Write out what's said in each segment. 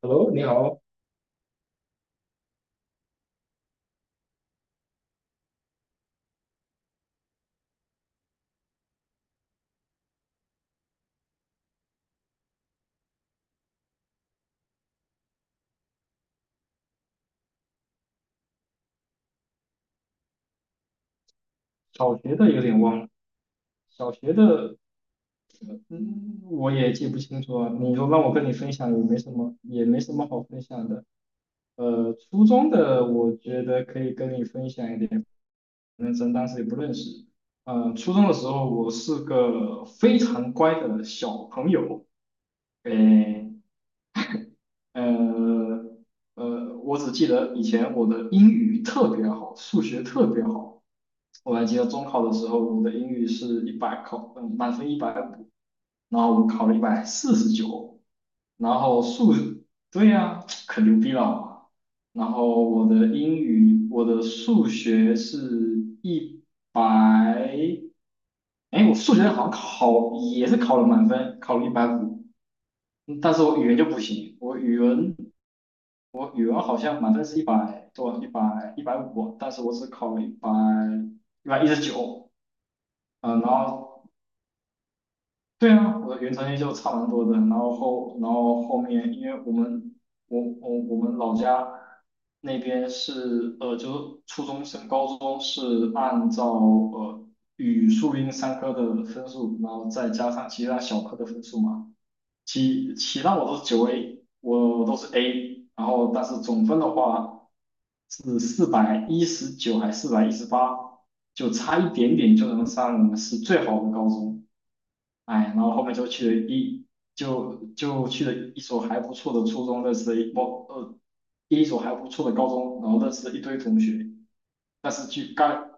Hello，你好。小学的有点忘了，小学的，嗯，我也记不清楚啊。你说让我跟你分享也没什么，也没什么好分享的。初中的我觉得可以跟你分享一点，反正当时也不认识。初中的时候我是个非常乖的小朋友，诶，呃我只记得以前我的英语特别好，数学特别好。我还记得中考的时候，我的英语是一百考，满分一百五，然后我考了149，然后数，对呀，可牛逼了。然后我的数学是一百，哎，我数学好像也是考了满分，考了一百五，但是我语文就不行，我语文好像满分是100多，一百五，150但是我只考了一百一十九。嗯，然后对啊，我的原成绩就差蛮多的。然后后面，因为我们老家那边是就是初中升高中是按照语数英三科的分数，然后再加上其他小科的分数嘛。其他我都是9A，我都是 A，然后但是总分的话是419还418，就差一点点就能上我们市最好的高中。哎，然后后面就去了一所还不错的初中，认识了一所还不错的高中，然后认识了一堆同学。但是去干，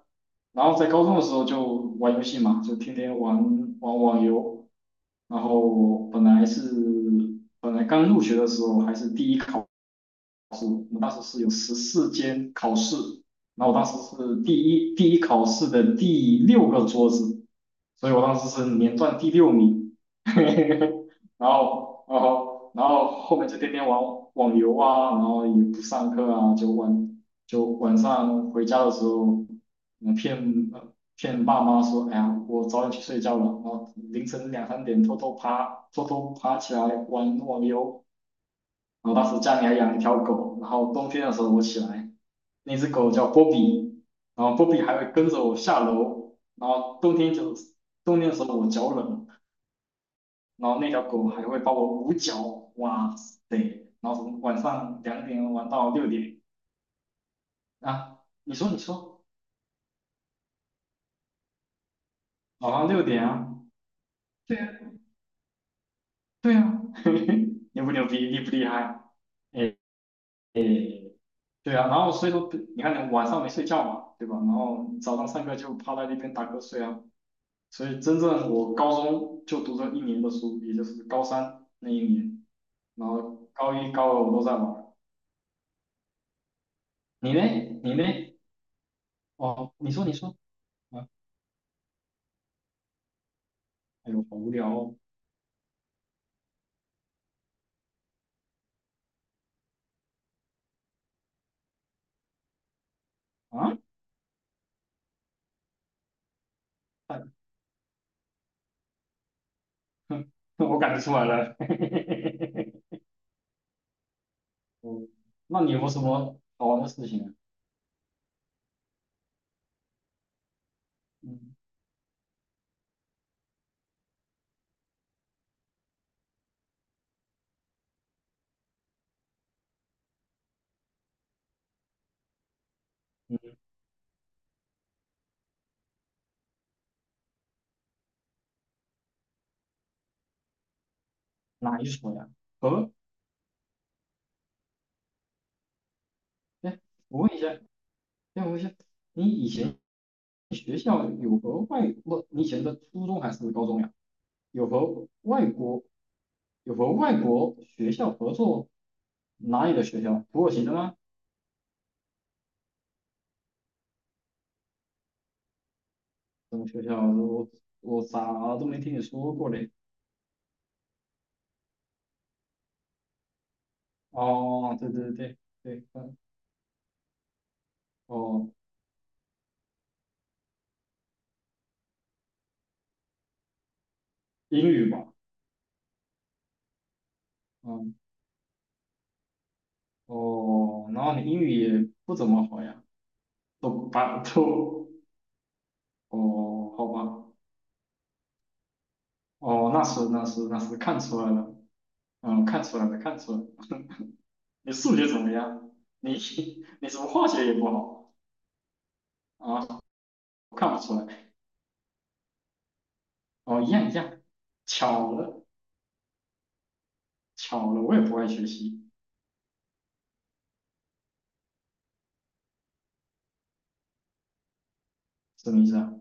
然后在高中的时候就玩游戏嘛，就天天玩网游。然后本来刚入学的时候还是第一考。我们当时是有14间考试，然后我当时是第一考试的第六个桌子，所以我当时是连段第六名，然后后面就天天玩网游啊，然后也不上课啊，就晚上回家的时候，嗯骗呃骗爸妈说，哎呀，我早点去睡觉了，然后凌晨两三点偷偷爬起来玩网游。然后当时家里还养了一条狗，然后冬天的时候我起来，那只狗叫波比，然后波比还会跟着我下楼，然后冬天的时候我脚冷，然后那条狗还会帮我捂脚，哇塞，然后从晚上2点玩到六点啊，你说你说，晚上六点啊，对啊，对啊，牛不牛逼，厉不厉害？哎，哎，对啊，然后所以说你看你晚上没睡觉嘛，对吧？然后早上上课就趴在那边打瞌睡啊。所以真正我高中就读这一年的书，也就是高三那一年，然后高一、高二我都在玩。你呢？你呢？哦，你说你说啊，哎呦，好无聊哦啊！哎，哼，我感觉出来了。哦，那你有没有什么好玩的事情啊？嗯嗯，哪一所呀？和，哎，我问一下，哎，我问一下，你以前学校有和外，不，你以前的初中还是高中呀？有和外国？有和外国学校合作，哪里的学校？土耳其的吗？什么学校？我咋都没听你说过嘞？哦，对对对对，嗯，哦，英语吧，嗯，哦，然后你英语也不怎么好呀，都把都，哦，好吧，哦，那是看出来了，嗯，看出来了，看出来了。你数学怎么样？你 你怎么化学也不好啊？我看不出来，哦，一样一样，巧了。巧了，我也不爱学习，什么意思啊？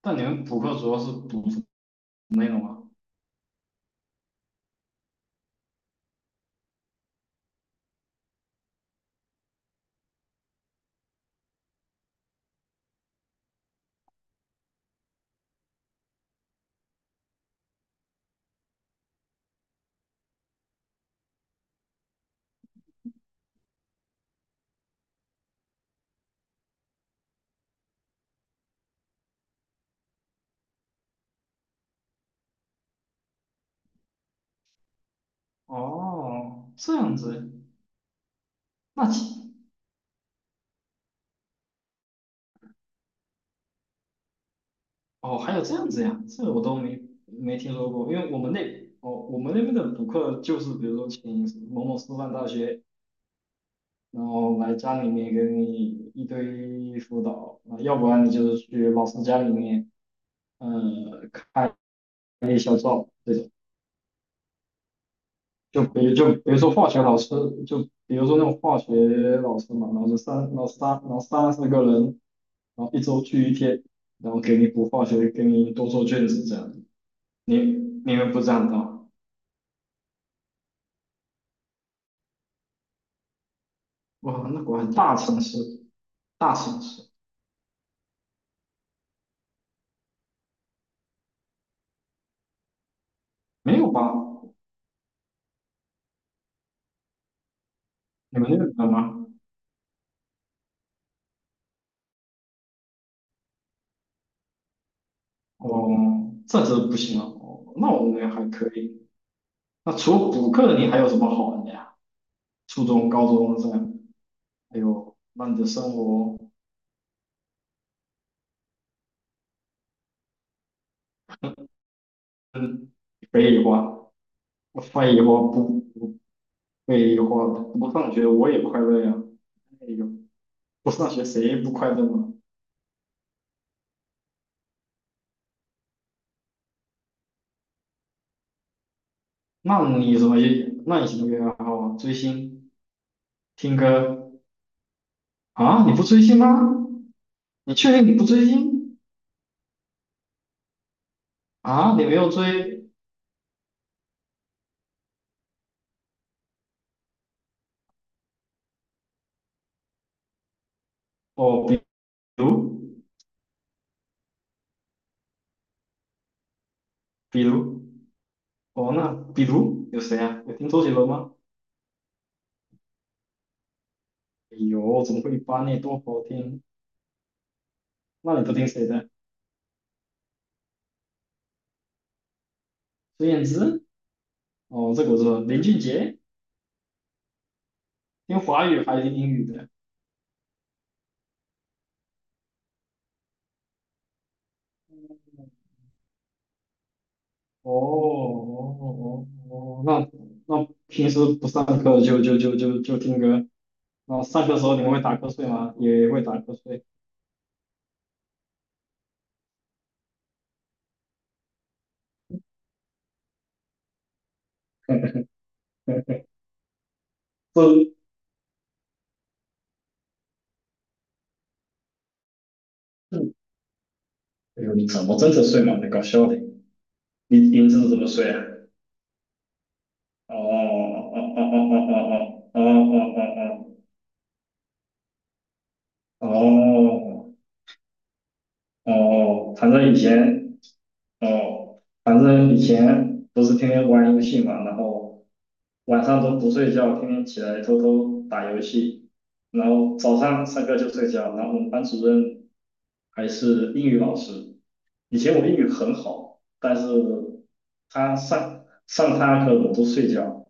但你们补课主要是补什么内容啊？哦，这样子，那其哦还有这样子呀，这我都没听说过，因为我们那边的补课就是比如说请某某师范大学，然后来家里面给你一堆辅导，啊，要不然你就是去老师家里面开小灶这种。就比如说化学老师，就比如说那种化学老师嘛，然后就三，然后三，然后三四个人，然后一周聚一天，然后给你补化学，给你多做卷子这样。你你们不这样的，啊哇，那果然大城市，大城市没有吧？你们那边有吗？哦，这真不行啊。哦，那我们还可以。那除了补课，你还有什么好玩的呀？初中、高中这样，还有那你的生活，嗯，北野花。废话，不不，废话，不上学我也快乐呀。哎呦，不上学谁不快乐嘛？那你什么也爱好啊？追星、听歌啊？你不追星吗？你确定你不追星啊？你没有追哦？如，比如比如有谁啊？有听周杰伦吗？哎呦，怎么会把你多好听？那你都听谁的？孙燕姿？哦，这个我知道。林俊杰，听华语还是听英语的？哦哦哦哦，那平时不上课就听歌，那上课的时候你们会打瞌睡吗？也会打瞌睡。这，嗯哎呦你怎么真的睡吗？太搞笑的，你真的怎么睡啊？哦哦哦哦哦哦哦哦哦哦哦哦，反正以前不是天天玩游戏嘛，然后晚上都不睡觉，天天起来偷偷打游戏，然后早上上课就睡觉，然后我们班主任还是英语老师，以前我英语很好，但是他上他课我都睡觉，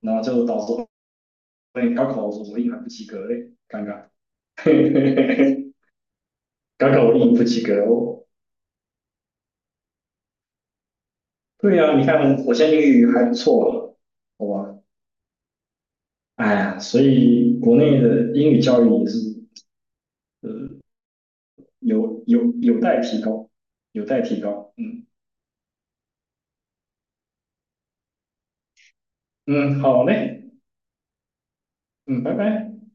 然后就导致后面高考的时我英语还不及格嘞，尴尬。高考我英语不及格哦。对呀，你看我现在英语还不错了，好吧？哎呀，所以国内的英语教育也是呃有待提高，有待提高。嗯嗯，好嘞，嗯，拜拜。